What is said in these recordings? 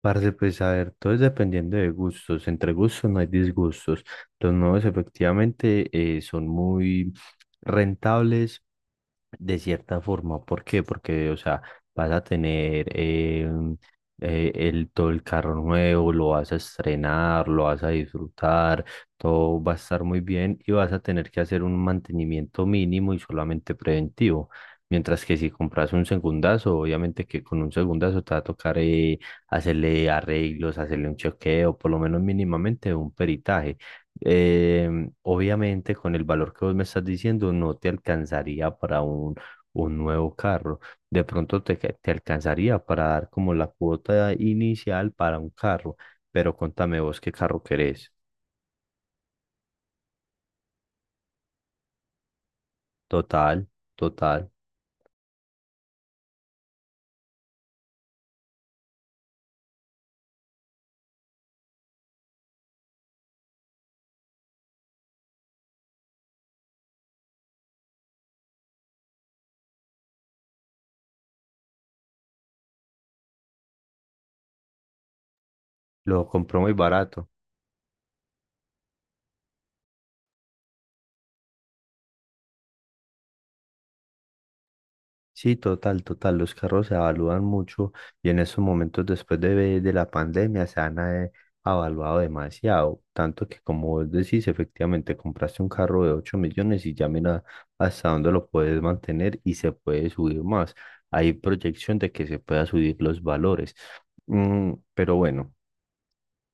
Parce, pues a ver, todo es dependiendo de gustos. Entre gustos no hay disgustos. Los nuevos efectivamente son muy rentables de cierta forma, ¿por qué? Porque, o sea, vas a tener todo el carro nuevo, lo vas a estrenar, lo vas a disfrutar, todo va a estar muy bien y vas a tener que hacer un mantenimiento mínimo y solamente preventivo. Mientras que si compras un segundazo, obviamente que con un segundazo te va a tocar hacerle arreglos, hacerle un chequeo, por lo menos mínimamente un peritaje. Obviamente, con el valor que vos me estás diciendo, no te alcanzaría para un nuevo carro. De pronto te alcanzaría para dar como la cuota inicial para un carro, pero contame vos qué carro querés. Total, total. Lo compró muy barato. Sí, total, total. Los carros se evalúan mucho, y en estos momentos, después de la pandemia, se han evaluado demasiado. Tanto que, como vos decís, efectivamente compraste un carro de 8 millones y ya mira hasta dónde lo puedes mantener, y se puede subir más. Hay proyección de que se pueda subir los valores. Pero bueno.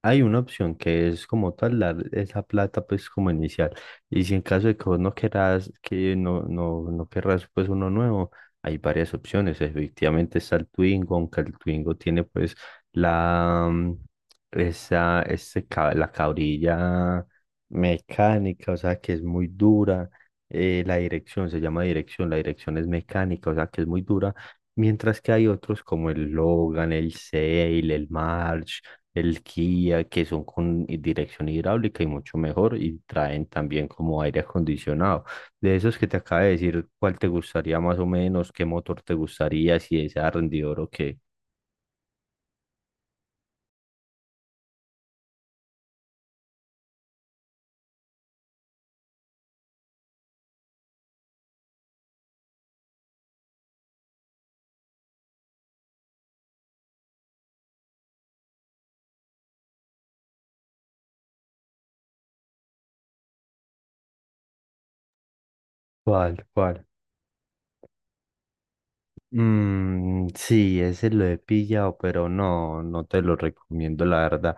Hay una opción, que es como tal dar esa plata pues como inicial, y si en caso de que vos no querás, que no no no querrás pues uno nuevo, hay varias opciones. Efectivamente está el Twingo, aunque el Twingo tiene pues la mm, esa ese ca- la cabrilla mecánica, o sea que es muy dura. La dirección, se llama dirección, la dirección es mecánica, o sea que es muy dura. Mientras que hay otros, como el Logan, el Sail, el March, el Kia, que son con dirección hidráulica y mucho mejor, y traen también como aire acondicionado. De esos que te acabo de decir, ¿cuál te gustaría más o menos? ¿Qué motor te gustaría? ¿Si es a rendidor o qué? ¿Cuál, cuál? Mm, sí, ese lo he pillado, pero no, no te lo recomiendo, la verdad.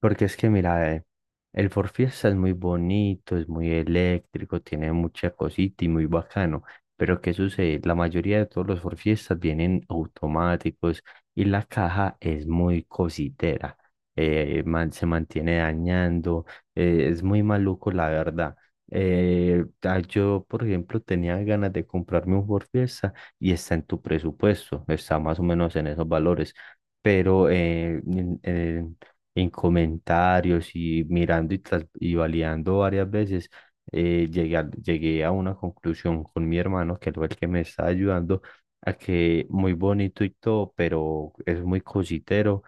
Porque es que mira, el For Fiesta es muy bonito, es muy eléctrico, tiene mucha cosita y muy bacano. Pero ¿qué sucede? La mayoría de todos los For Fiestas vienen automáticos y la caja es muy cositera. Se mantiene dañando. Es muy maluco, la verdad. Ah, yo, por ejemplo, tenía ganas de comprarme un For Fiesta, y está en tu presupuesto, está más o menos en esos valores, pero en comentarios y mirando y validando varias veces, llegué a una conclusión con mi hermano, que fue el que me está ayudando, a que muy bonito y todo, pero es muy cositero,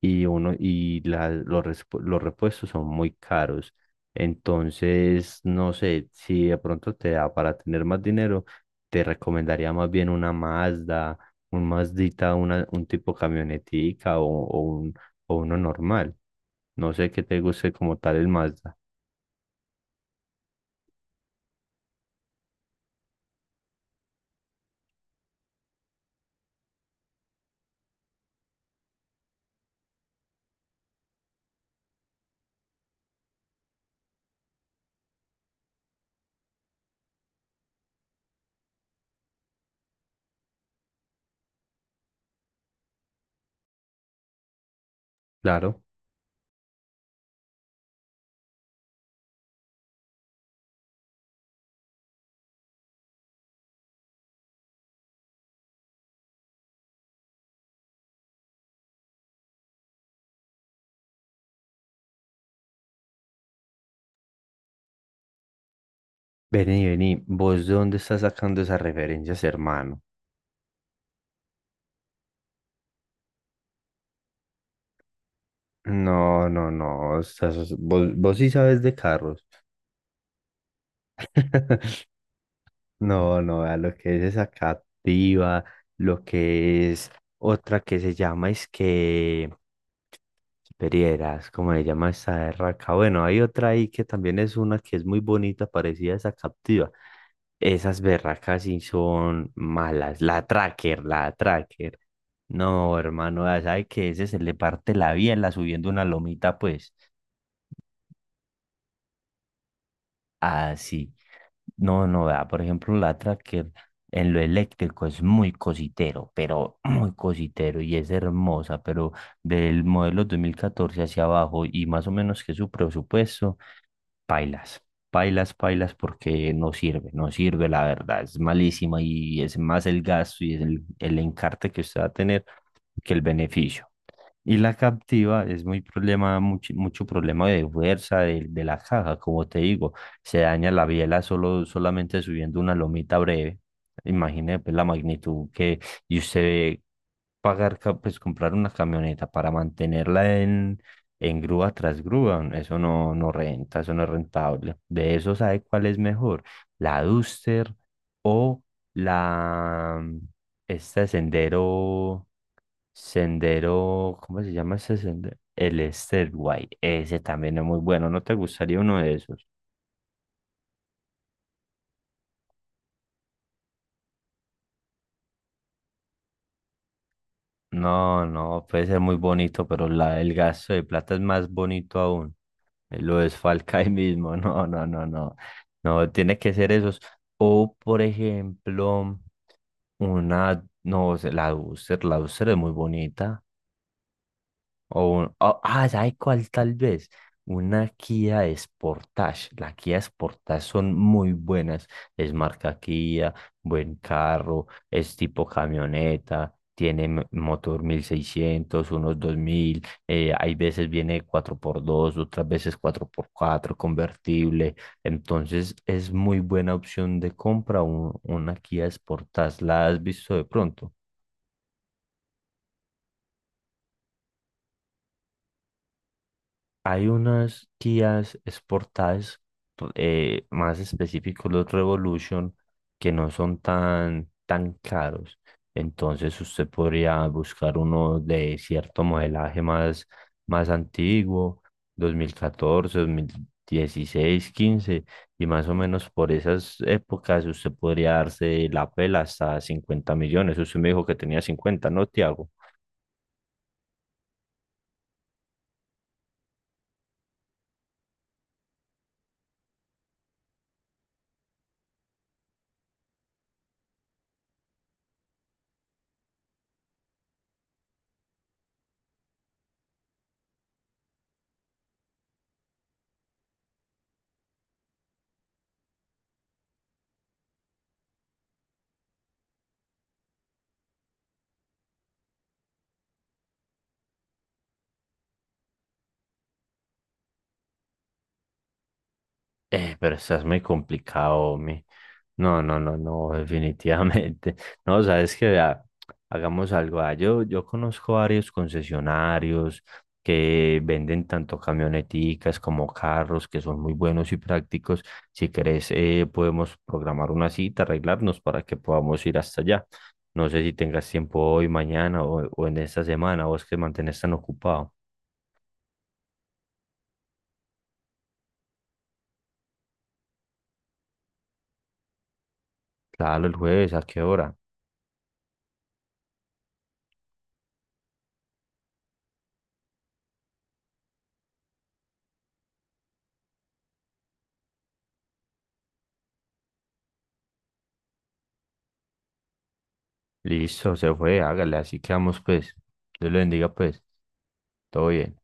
y, uno, y los repuestos son muy caros. Entonces, no sé, si de pronto te da para tener más dinero, te recomendaría más bien una Mazda, un Mazdita, un tipo camionetica o uno normal. No sé qué te guste como tal el Mazda. Claro. Vení, vení, ¿vos de dónde estás sacando esas referencias, hermano? No, no, no, vos sí sabes de carros. No, no, a lo que es esa Captiva, lo que es otra que se llama, es que... ¿Perieras, cómo se llama esa de raca? Bueno, hay otra ahí que también es una que es muy bonita, parecida a esa captiva. Esas berracas sí son malas. La tracker, la tracker. No, hermano, ya sabe que ese se le parte la biela subiendo una lomita, pues. Así. No, no, vea, por ejemplo, la tracker en lo eléctrico es muy cositero, pero muy cositero, y es hermosa, pero del modelo 2014 hacia abajo y más o menos que su presupuesto. Pailas, pailas, pailas, porque no sirve, no sirve, la verdad, es malísima, y es más el gasto, y es el encarte que usted va a tener, que el beneficio. Y la captiva es muy problema, mucho, mucho problema de fuerza de la caja, como te digo, se daña la biela solo, solamente subiendo una lomita breve. Imagine pues la magnitud, que y usted ve pagar, pues comprar una camioneta para mantenerla en grúa tras grúa, eso no, no renta, eso no es rentable. De eso, sabe cuál es mejor, la Duster o la, este Sendero. Sendero, ¿cómo se llama ese sendero? El Stairway, ese también es muy bueno, ¿no te gustaría uno de esos? No, no, puede ser muy bonito, pero el gasto de plata es más bonito aún. Lo desfalca ahí mismo. No, no, no, no, no, tiene que ser esos. O, por ejemplo, una, no, o sea, la Duster es muy bonita. Ah, ¿sabe cuál tal vez? Una Kia Sportage. Las Kia Sportage son muy buenas. Es marca Kia, buen carro, es tipo camioneta, tiene motor 1600, unos 2000. Hay veces viene cuatro por dos, otras veces cuatro por cuatro convertible. Entonces es muy buena opción de compra una Kia Sportage. ¿La has visto de pronto? Hay unas guías exportadas, más específicos los Revolution, que no son tan, tan caros. Entonces usted podría buscar uno de cierto modelaje más antiguo, 2014, 2016, 15, y más o menos por esas épocas usted podría darse la pela hasta 50 millones. Usted me dijo que tenía 50, ¿no, Tiago? Pero estás muy complicado, hombre. No, no, no, no, definitivamente. No, sabes que vea, hagamos algo. Ah, yo conozco varios concesionarios que venden tanto camioneticas como carros, que son muy buenos y prácticos. Si querés, podemos programar una cita, arreglarnos para que podamos ir hasta allá. No sé si tengas tiempo hoy, mañana o en esta semana, vos que mantenés tan ocupado. Claro, el jueves, ¿a qué hora? Listo, se fue, hágale, así quedamos pues. Dios le bendiga pues, todo bien.